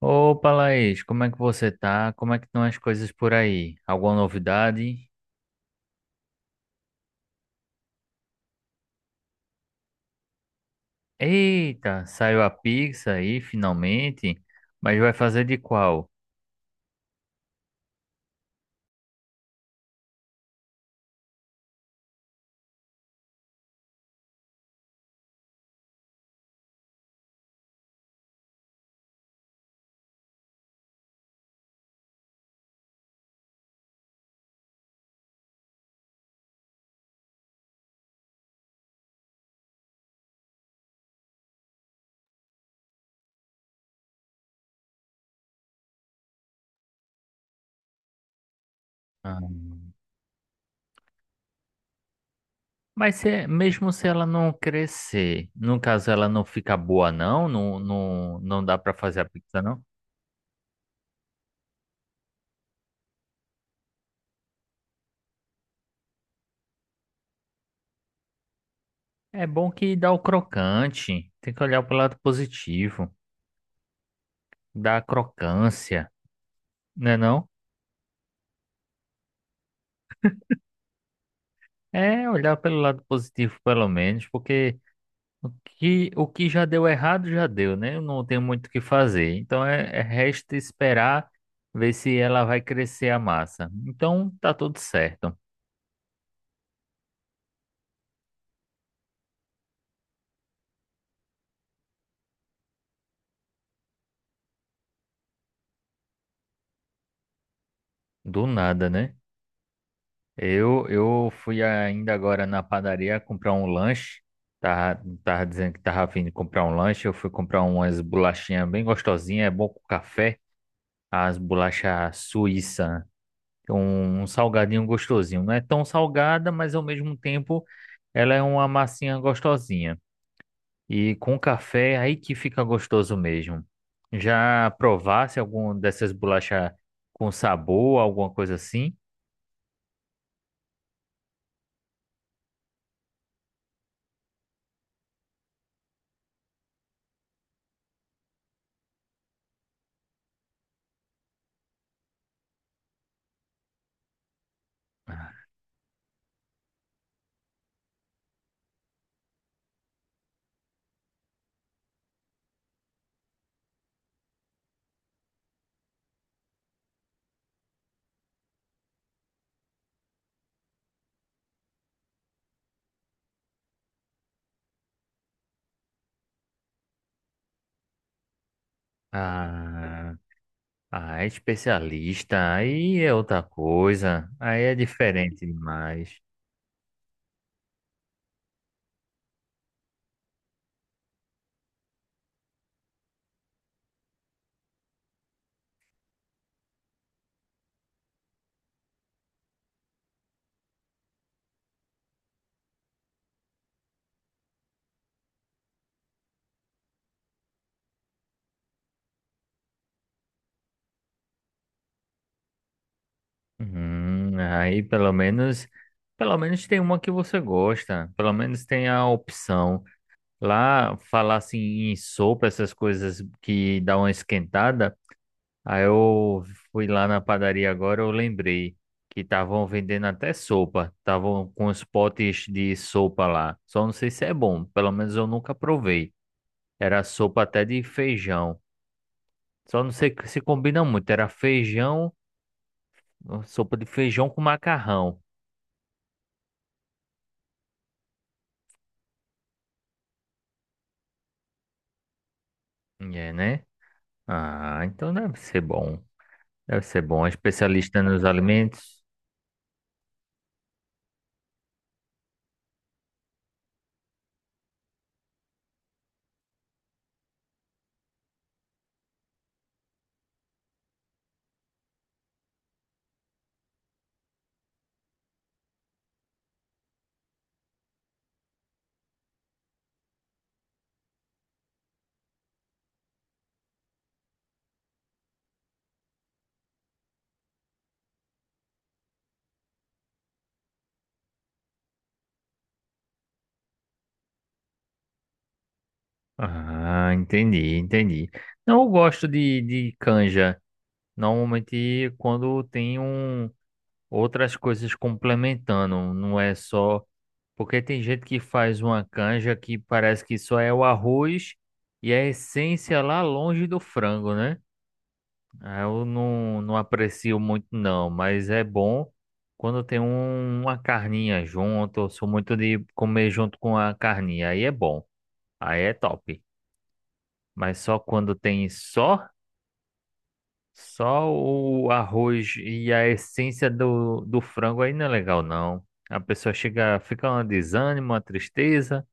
Opa, Laís, como é que você tá? Como é que estão as coisas por aí? Alguma novidade? Eita, saiu a pizza aí, finalmente, mas vai fazer de qual? Ah, mas se, mesmo se ela não crescer, no caso ela não fica boa não, não, não, não dá pra fazer a pizza não? É bom que dá o crocante, tem que olhar pelo lado positivo, dá a crocância, né não? É olhar pelo lado positivo pelo menos, porque... O que já deu errado, já deu, né? Eu não tenho muito o que fazer. Então, resta esperar ver se ela vai crescer a massa. Então, tá tudo certo. Do nada, né? Eu fui ainda agora na padaria comprar um lanche. Tava dizendo que tava a fim de comprar um lanche. Eu fui comprar umas bolachinhas bem gostosinhas. É bom com café. As bolachas suíça. Um salgadinho gostosinho. Não é tão salgada, mas ao mesmo tempo ela é uma massinha gostosinha. E com café, é aí que fica gostoso mesmo. Já provasse algum dessas bolachas com sabor, alguma coisa assim? Ah, ah, é especialista. Aí é outra coisa. Aí é diferente demais. Aí pelo menos tem uma que você gosta. Pelo menos tem a opção. Lá, falar assim em sopa, essas coisas que dá uma esquentada. Aí eu fui lá na padaria agora, eu lembrei que estavam vendendo até sopa. Estavam com os potes de sopa lá. Só não sei se é bom, pelo menos eu nunca provei. Era sopa até de feijão. Só não sei se combina muito. Era feijão, sopa de feijão com macarrão. É, né? Ah, então deve ser bom. Deve ser bom. É especialista nos alimentos. Ah, entendi, entendi. Não, eu gosto de canja. Normalmente quando tem um, outras coisas complementando, não é só. Porque tem gente que faz uma canja que parece que só é o arroz e a essência lá longe do frango, né? Ah, eu não aprecio muito, não, mas é bom quando tem uma carninha junto. Eu sou muito de comer junto com a carninha, aí é bom, aí é top. Mas só quando tem só, só o arroz e a essência do frango aí não é legal, não. A pessoa chega, fica um desânimo, uma tristeza.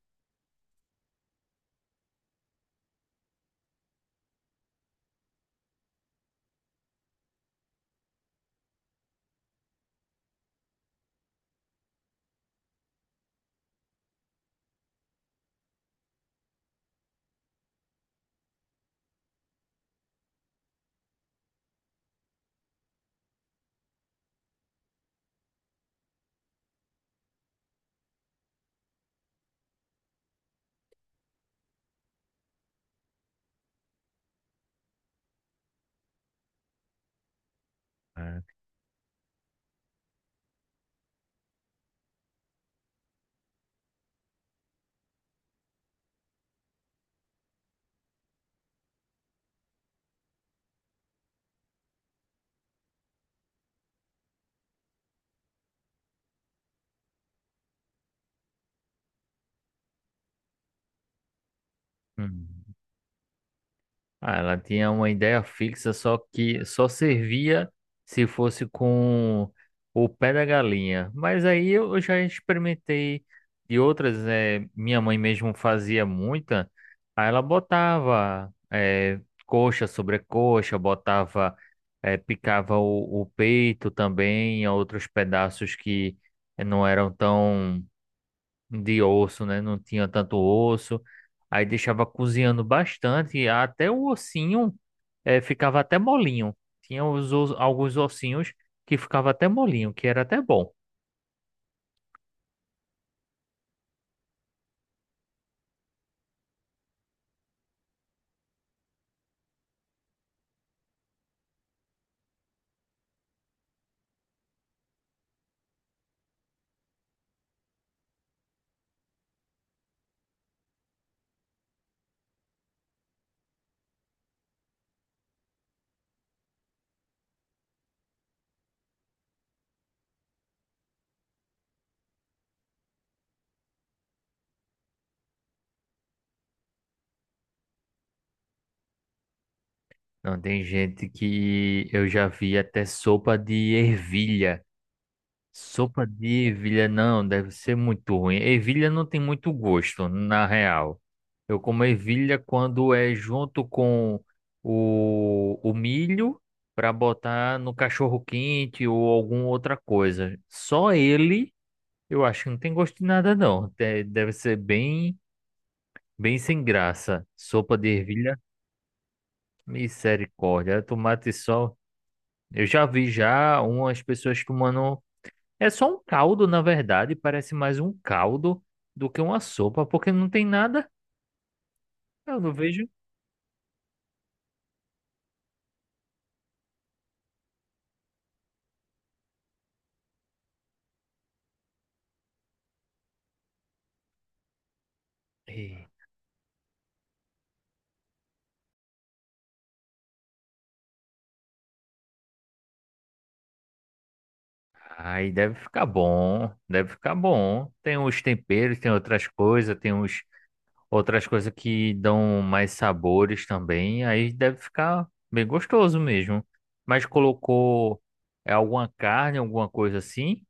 É. Hum. Ah, ela tinha uma ideia fixa, só que só servia se fosse com o pé da galinha. Mas aí eu já experimentei de outras, minha mãe mesmo fazia muita. Aí ela botava coxa sobre coxa, botava, picava o peito também, outros pedaços que não eram tão de osso, né? Não tinha tanto osso. Aí deixava cozinhando bastante, até o ossinho ficava até molinho. Tinha alguns ossinhos que ficava até molinho, que era até bom. Não, tem gente que eu já vi até sopa de ervilha. Sopa de ervilha não, deve ser muito ruim. Ervilha não tem muito gosto, na real. Eu como ervilha quando é junto com o milho para botar no cachorro quente ou alguma outra coisa. Só ele, eu acho que não tem gosto de nada não. Deve ser bem, bem sem graça. Sopa de ervilha, misericórdia. Tomate e sol. Eu já vi já umas pessoas tomando. É só um caldo, na verdade, parece mais um caldo do que uma sopa, porque não tem nada, eu não vejo. E- ai, deve ficar bom, deve ficar bom. Tem os temperos, tem outras coisas, tem uns, outras coisas que dão mais sabores também, aí deve ficar bem gostoso mesmo. Mas colocou alguma carne, alguma coisa assim?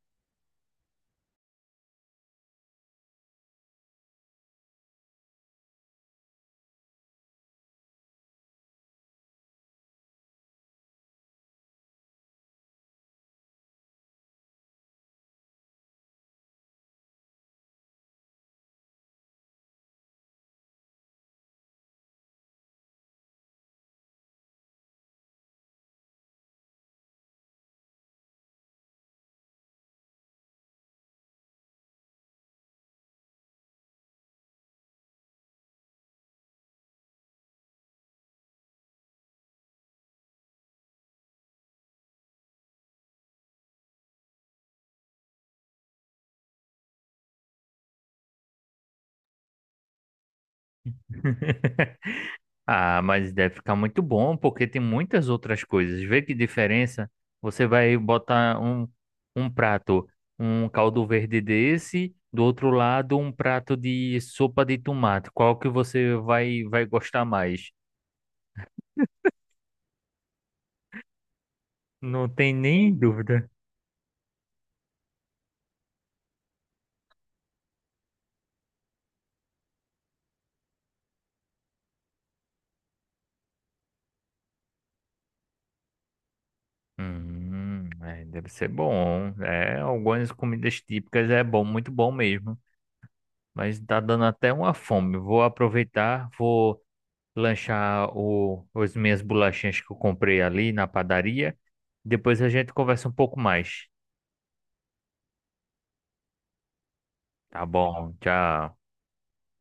Ah, mas deve ficar muito bom, porque tem muitas outras coisas. Vê que diferença. Você vai botar um, um prato, um caldo verde desse, do outro lado um prato de sopa de tomate. Qual que você vai, vai gostar mais? Não tem nem dúvida. É, deve ser bom. É, algumas comidas típicas é bom, muito bom mesmo. Mas tá dando até uma fome. Vou aproveitar, vou lanchar as minhas bolachinhas que eu comprei ali na padaria. Depois a gente conversa um pouco mais. Tá bom, tchau.